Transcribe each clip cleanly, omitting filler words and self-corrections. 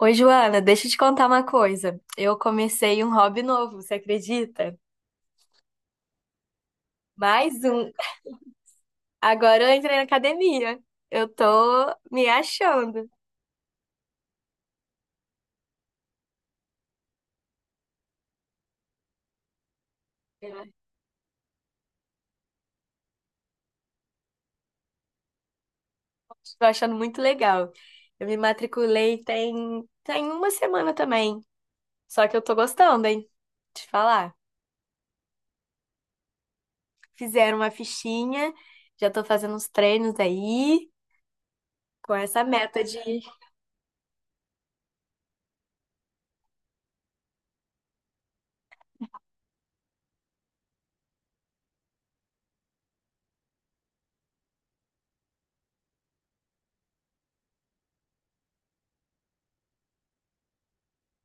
Oi, Joana, deixa eu te contar uma coisa. Eu comecei um hobby novo, você acredita? Mais um. Agora eu entrei na academia. Eu tô me achando. Eu tô achando muito legal. Eu me matriculei tem uma semana também. Só que eu tô gostando, hein? Te falar. Fizeram uma fichinha, já tô fazendo uns treinos aí, com essa meta de.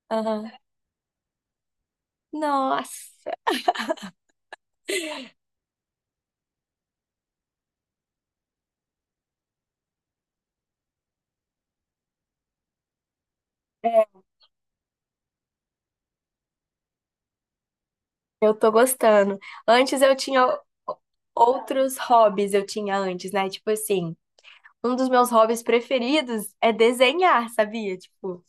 Aham. Nossa! É. Eu tô gostando. Antes eu tinha outros hobbies, eu tinha antes, né? Tipo assim, um dos meus hobbies preferidos é desenhar, sabia? Tipo,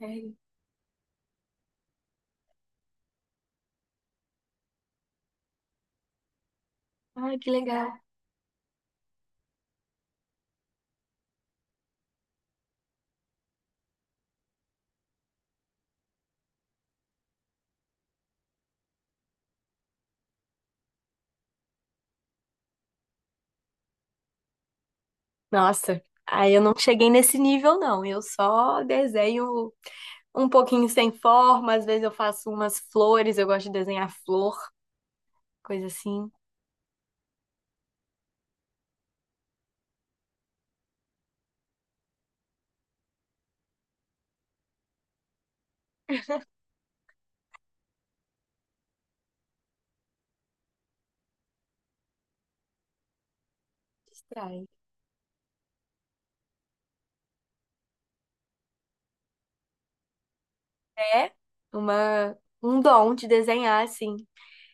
ai, ai, que legal. Nossa, aí eu não cheguei nesse nível, não. Eu só desenho um pouquinho sem forma, às vezes eu faço umas flores, eu gosto de desenhar flor, coisa assim. Distrai. É uma, um dom de desenhar, assim.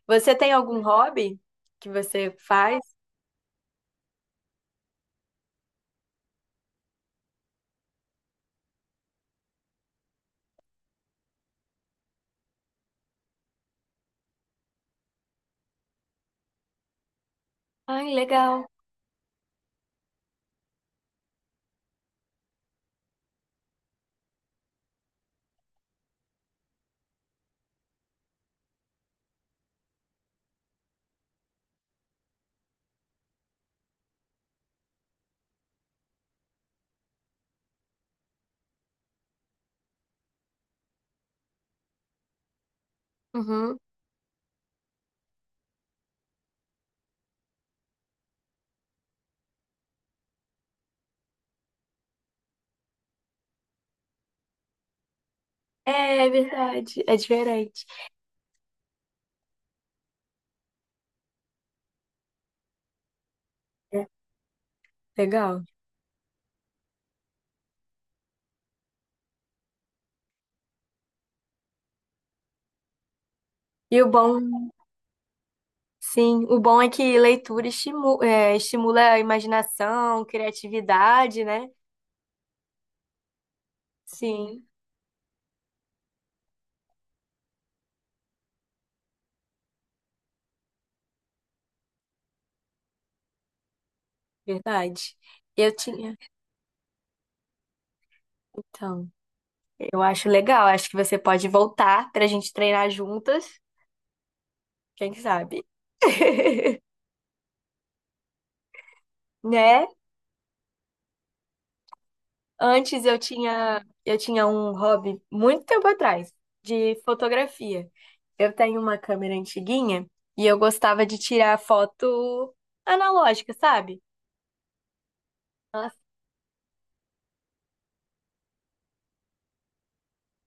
Você tem algum hobby que você faz? Ai, legal. Uhum. É, é verdade. É diferente. É, legal. E o bom, sim, o bom é que leitura estimula a imaginação, criatividade, né? Sim, verdade. Eu tinha. Então, eu acho legal. Acho que você pode voltar pra gente treinar juntas. Quem sabe? Né? Antes eu tinha um hobby muito tempo atrás, de fotografia. Eu tenho uma câmera antiguinha e eu gostava de tirar foto analógica, sabe? Nossa,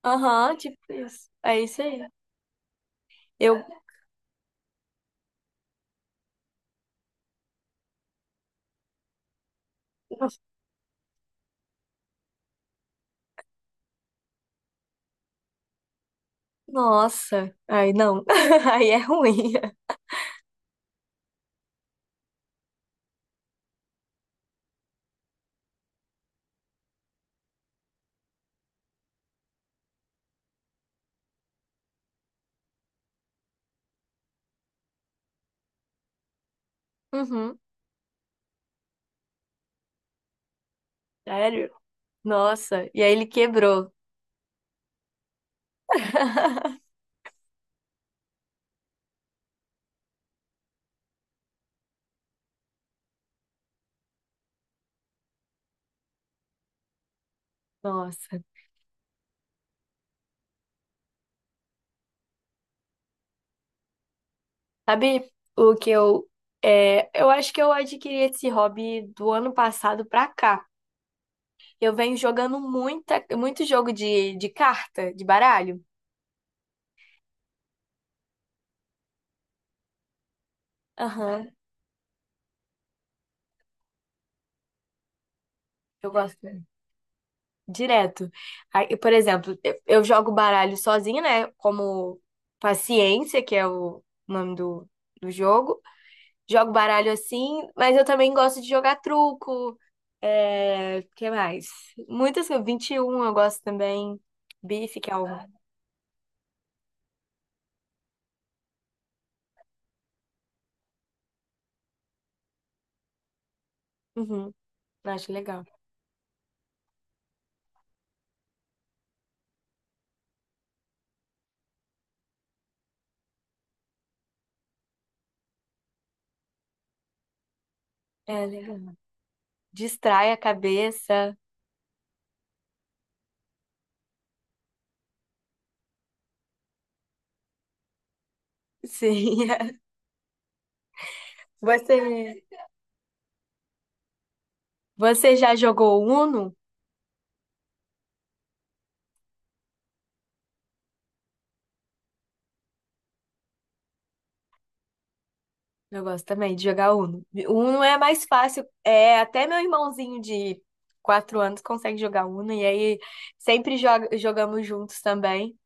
aham, tipo isso. É isso aí. Eu. Nossa. Ai, não. Aí é ruim. Uhum. Sério? Nossa. E aí ele quebrou. Nossa. Sabe o que eu. É, eu acho que eu adquiri esse hobby do ano passado pra cá. Eu venho jogando muita, muito jogo de carta, de baralho. Aham, eu gosto direto. Aí, por exemplo, eu jogo baralho sozinha, né? Como Paciência, que é o nome do jogo. Jogo baralho assim, mas eu também gosto de jogar truco. É, que mais? Muitas coisas. 21 eu gosto também. Bife, que é o. Uhum, acho legal. É legal. Distrai a cabeça. Sim. Você. Você já jogou Uno? Eu gosto também de jogar Uno. Uno é mais fácil. É, até meu irmãozinho de 4 anos consegue jogar Uno e aí sempre jogamos juntos também.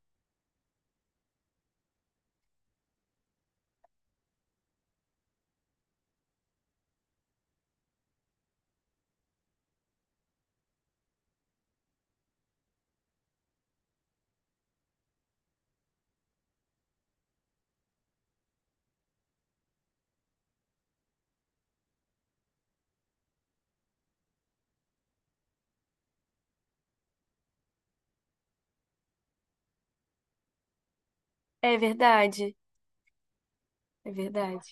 É verdade, é verdade.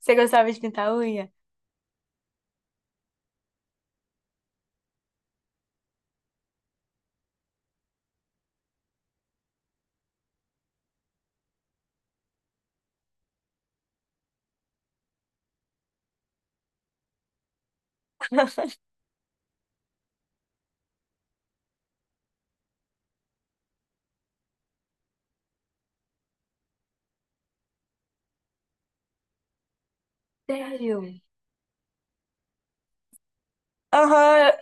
Você gostava de pintar unha? Sério? Aham.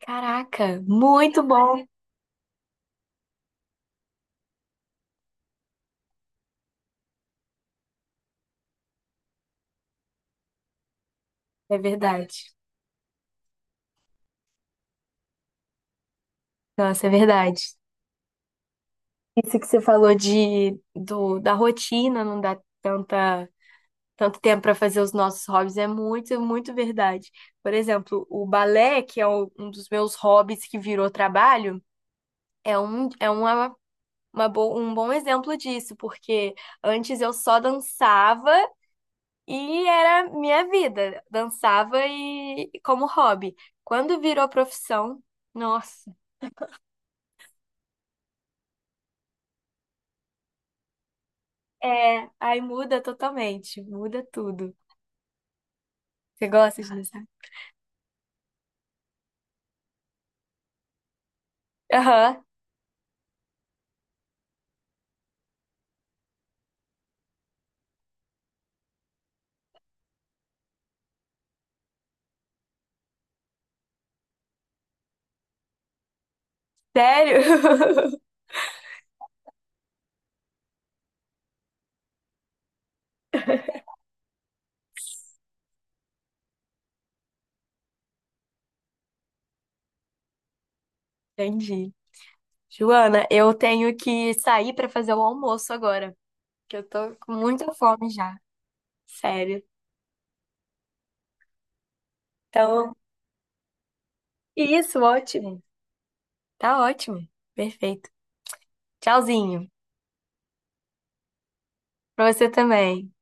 Caraca, muito bom. É verdade. Nossa, é verdade. Isso que você falou de do, da rotina não dá tanta tanto tempo para fazer os nossos hobbies é muito verdade. Por exemplo, o balé, que é um dos meus hobbies que virou trabalho, é um, é um bom exemplo disso, porque antes eu só dançava e era minha vida, dançava e como hobby. Quando virou profissão, nossa, é, aí muda totalmente, muda tudo. Você gosta de dançar? Aham, sério? Entendi. Joana, eu tenho que sair para fazer o almoço agora, que eu tô com muita fome já, sério. Então, isso, ótimo. Tá ótimo. Perfeito. Tchauzinho. Pra você também.